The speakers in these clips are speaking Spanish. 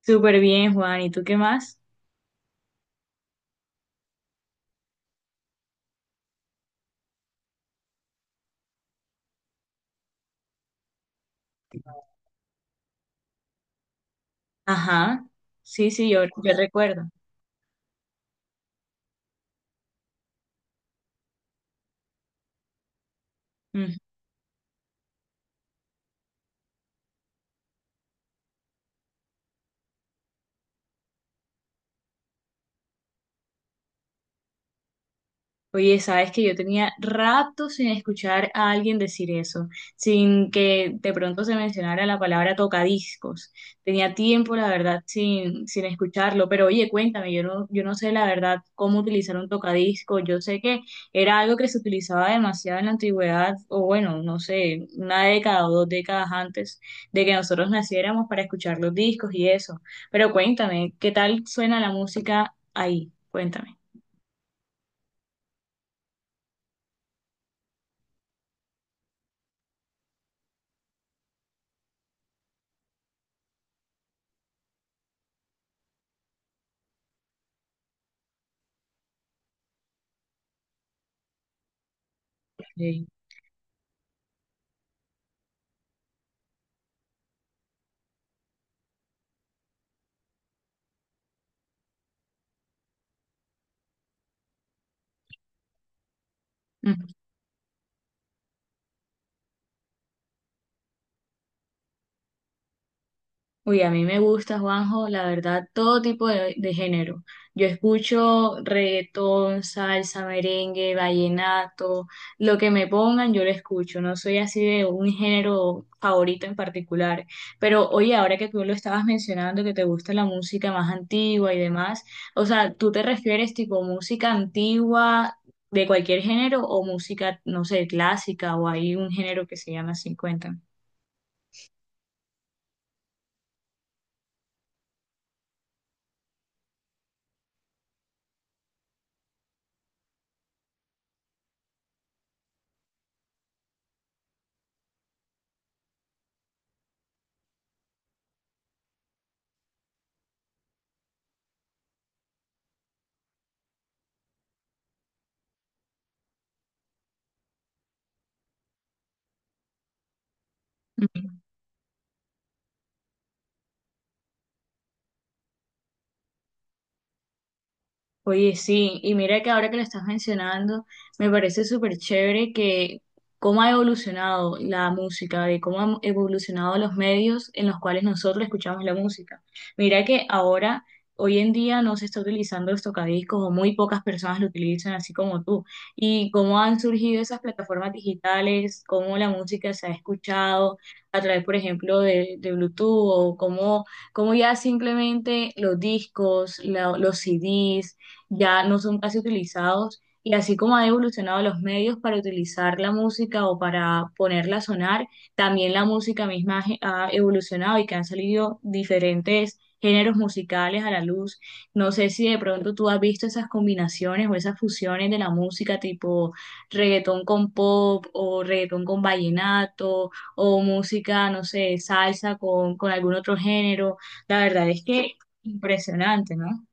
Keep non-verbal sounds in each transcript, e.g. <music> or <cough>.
Súper bien, Juan. ¿Y tú qué más? Ajá. Sí, sí, yo recuerdo. Oye, sabes que yo tenía rato sin escuchar a alguien decir eso, sin que de pronto se mencionara la palabra tocadiscos. Tenía tiempo, la verdad, sin escucharlo, pero oye, cuéntame, yo no sé la verdad cómo utilizar un tocadiscos. Yo sé que era algo que se utilizaba demasiado en la antigüedad, o bueno, no sé, una década o dos décadas antes de que nosotros naciéramos para escuchar los discos y eso. Pero cuéntame, ¿qué tal suena la música ahí? Cuéntame. Sí. Uy, a mí me gusta, Juanjo, la verdad, todo tipo de género. Yo escucho reggaetón, salsa, merengue, vallenato, lo que me pongan, yo lo escucho. No soy así de un género favorito en particular. Pero oye, ahora que tú lo estabas mencionando, que te gusta la música más antigua y demás, o sea, ¿tú te refieres tipo música antigua de cualquier género o música, no sé, clásica o hay un género que se llama 50? Oye, sí, y mira que ahora que lo estás mencionando, me parece súper chévere que cómo ha evolucionado la música, de cómo han evolucionado los medios en los cuales nosotros escuchamos la música. Mira que ahora, hoy en día, no se está utilizando los tocadiscos o muy pocas personas lo utilizan así como tú. Y cómo han surgido esas plataformas digitales, cómo la música se ha escuchado a través, por ejemplo, de Bluetooth o cómo, cómo ya simplemente los discos, los CDs ya no son casi utilizados y así como han evolucionado los medios para utilizar la música o para ponerla a sonar, también la música misma ha evolucionado y que han salido diferentes géneros musicales a la luz. No sé si de pronto tú has visto esas combinaciones o esas fusiones de la música tipo reggaetón con pop o reggaetón con vallenato o música, no sé, salsa con algún otro género. La verdad es que impresionante, ¿no?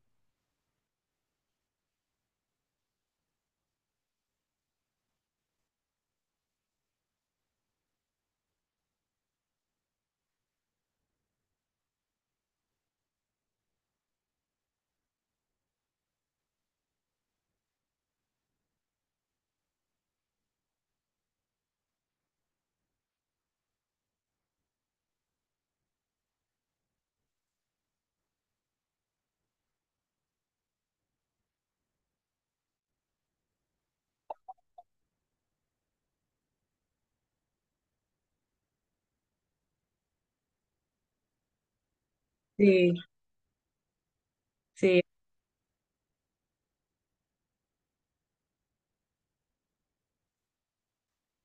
Sí, sí,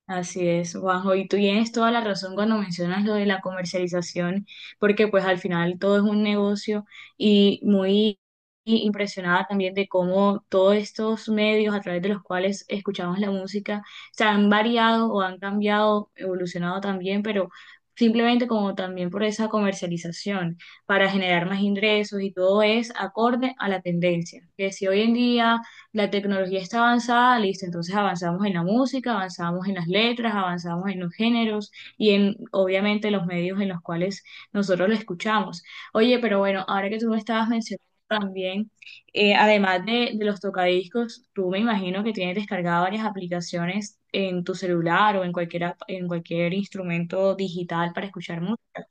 así es, Juanjo, y tú tienes toda la razón cuando mencionas lo de la comercialización, porque pues al final todo es un negocio y muy impresionada también de cómo todos estos medios a través de los cuales escuchamos la música se han variado o han cambiado, evolucionado también, pero simplemente como también por esa comercialización para generar más ingresos y todo es acorde a la tendencia, que si hoy en día la tecnología está avanzada, listo, entonces avanzamos en la música, avanzamos en las letras, avanzamos en los géneros y en, obviamente, los medios en los cuales nosotros lo escuchamos. Oye, pero bueno, ahora que tú me estabas mencionando también, además de los tocadiscos, tú me imagino que tienes descargadas varias aplicaciones en tu celular o en cualquier, en cualquier instrumento digital para escuchar música.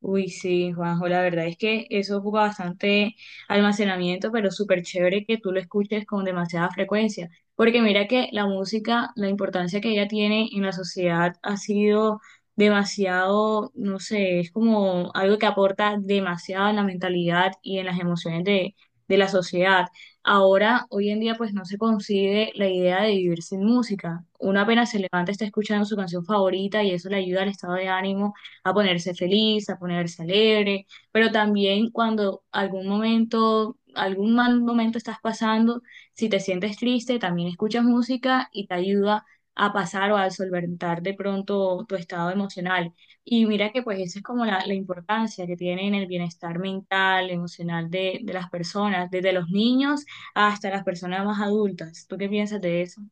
Uy, sí, Juanjo, la verdad es que eso ocupa bastante almacenamiento, pero súper chévere que tú lo escuches con demasiada frecuencia, porque mira que la música, la importancia que ella tiene en la sociedad ha sido demasiado, no sé, es como algo que aporta demasiado en la mentalidad y en las emociones de la sociedad. Ahora, hoy en día, pues no se concibe la idea de vivir sin música. Uno apenas se levanta, está escuchando su canción favorita y eso le ayuda al estado de ánimo a ponerse feliz, a ponerse alegre, pero también cuando algún momento, algún mal momento estás pasando, si te sientes triste, también escuchas música y te ayuda a pasar o a solventar de pronto tu estado emocional. Y mira que pues esa es como la importancia que tiene en el bienestar mental, emocional de las personas, desde los niños hasta las personas más adultas. ¿Tú qué piensas de eso?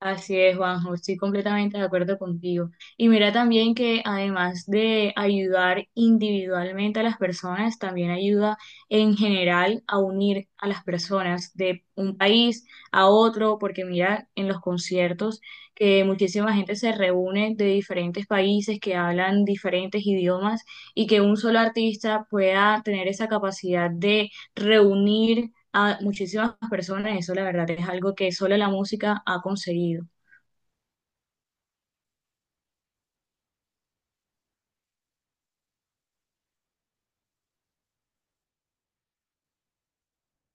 Así es, Juanjo, estoy completamente de acuerdo contigo. Y mira también que además de ayudar individualmente a las personas, también ayuda en general a unir a las personas de un país a otro, porque mira en los conciertos que muchísima gente se reúne de diferentes países que hablan diferentes idiomas y que un solo artista pueda tener esa capacidad de reunir a muchísimas personas. Eso la verdad es algo que solo la música ha conseguido.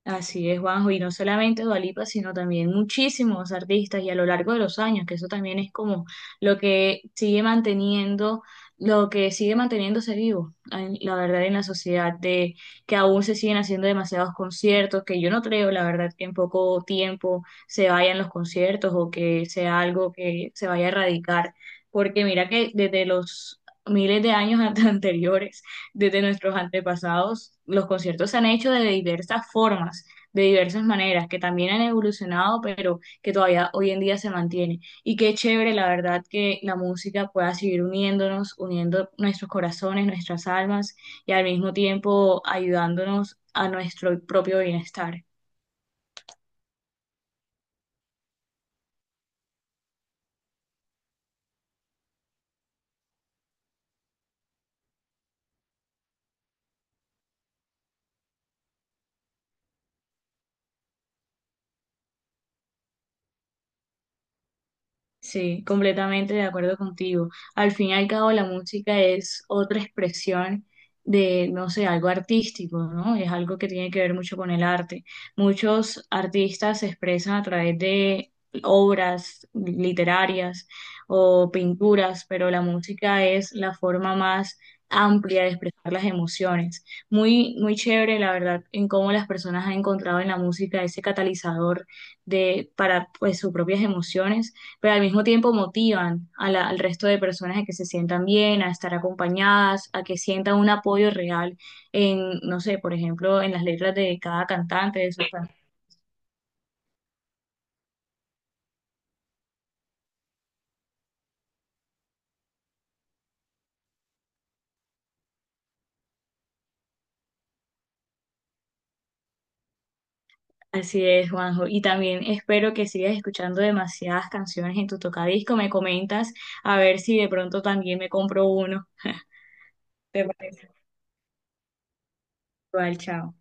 Así es, Juanjo, y no solamente Dua Lipa, sino también muchísimos artistas y a lo largo de los años, que eso también es como lo que sigue manteniendo, lo que sigue manteniéndose vivo, la verdad, en la sociedad, de que aún se siguen haciendo demasiados conciertos, que yo no creo, la verdad, que en poco tiempo se vayan los conciertos o que sea algo que se vaya a erradicar, porque mira que desde los miles de años <laughs> anteriores desde nuestros antepasados, los conciertos se han hecho de diversas formas, de diversas maneras, que también han evolucionado, pero que todavía hoy en día se mantiene. Y qué chévere, la verdad, que la música pueda seguir uniéndonos, uniendo nuestros corazones, nuestras almas y al mismo tiempo ayudándonos a nuestro propio bienestar. Sí, completamente de acuerdo contigo. Al fin y al cabo, la música es otra expresión de, no sé, algo artístico, ¿no? Es algo que tiene que ver mucho con el arte. Muchos artistas se expresan a través de obras literarias o pinturas, pero la música es la forma más amplia de expresar las emociones. Muy, muy chévere, la verdad, en cómo las personas han encontrado en la música ese catalizador de, para, pues, sus propias emociones pero al mismo tiempo motivan a al resto de personas a que se sientan bien, a estar acompañadas, a que sientan un apoyo real en, no sé, por ejemplo, en las letras de cada cantante, de sus can- Así es, Juanjo. Y también espero que sigas escuchando demasiadas canciones en tu tocadisco. Me comentas a ver si de pronto también me compro uno. ¿Te parece? Igual, chao.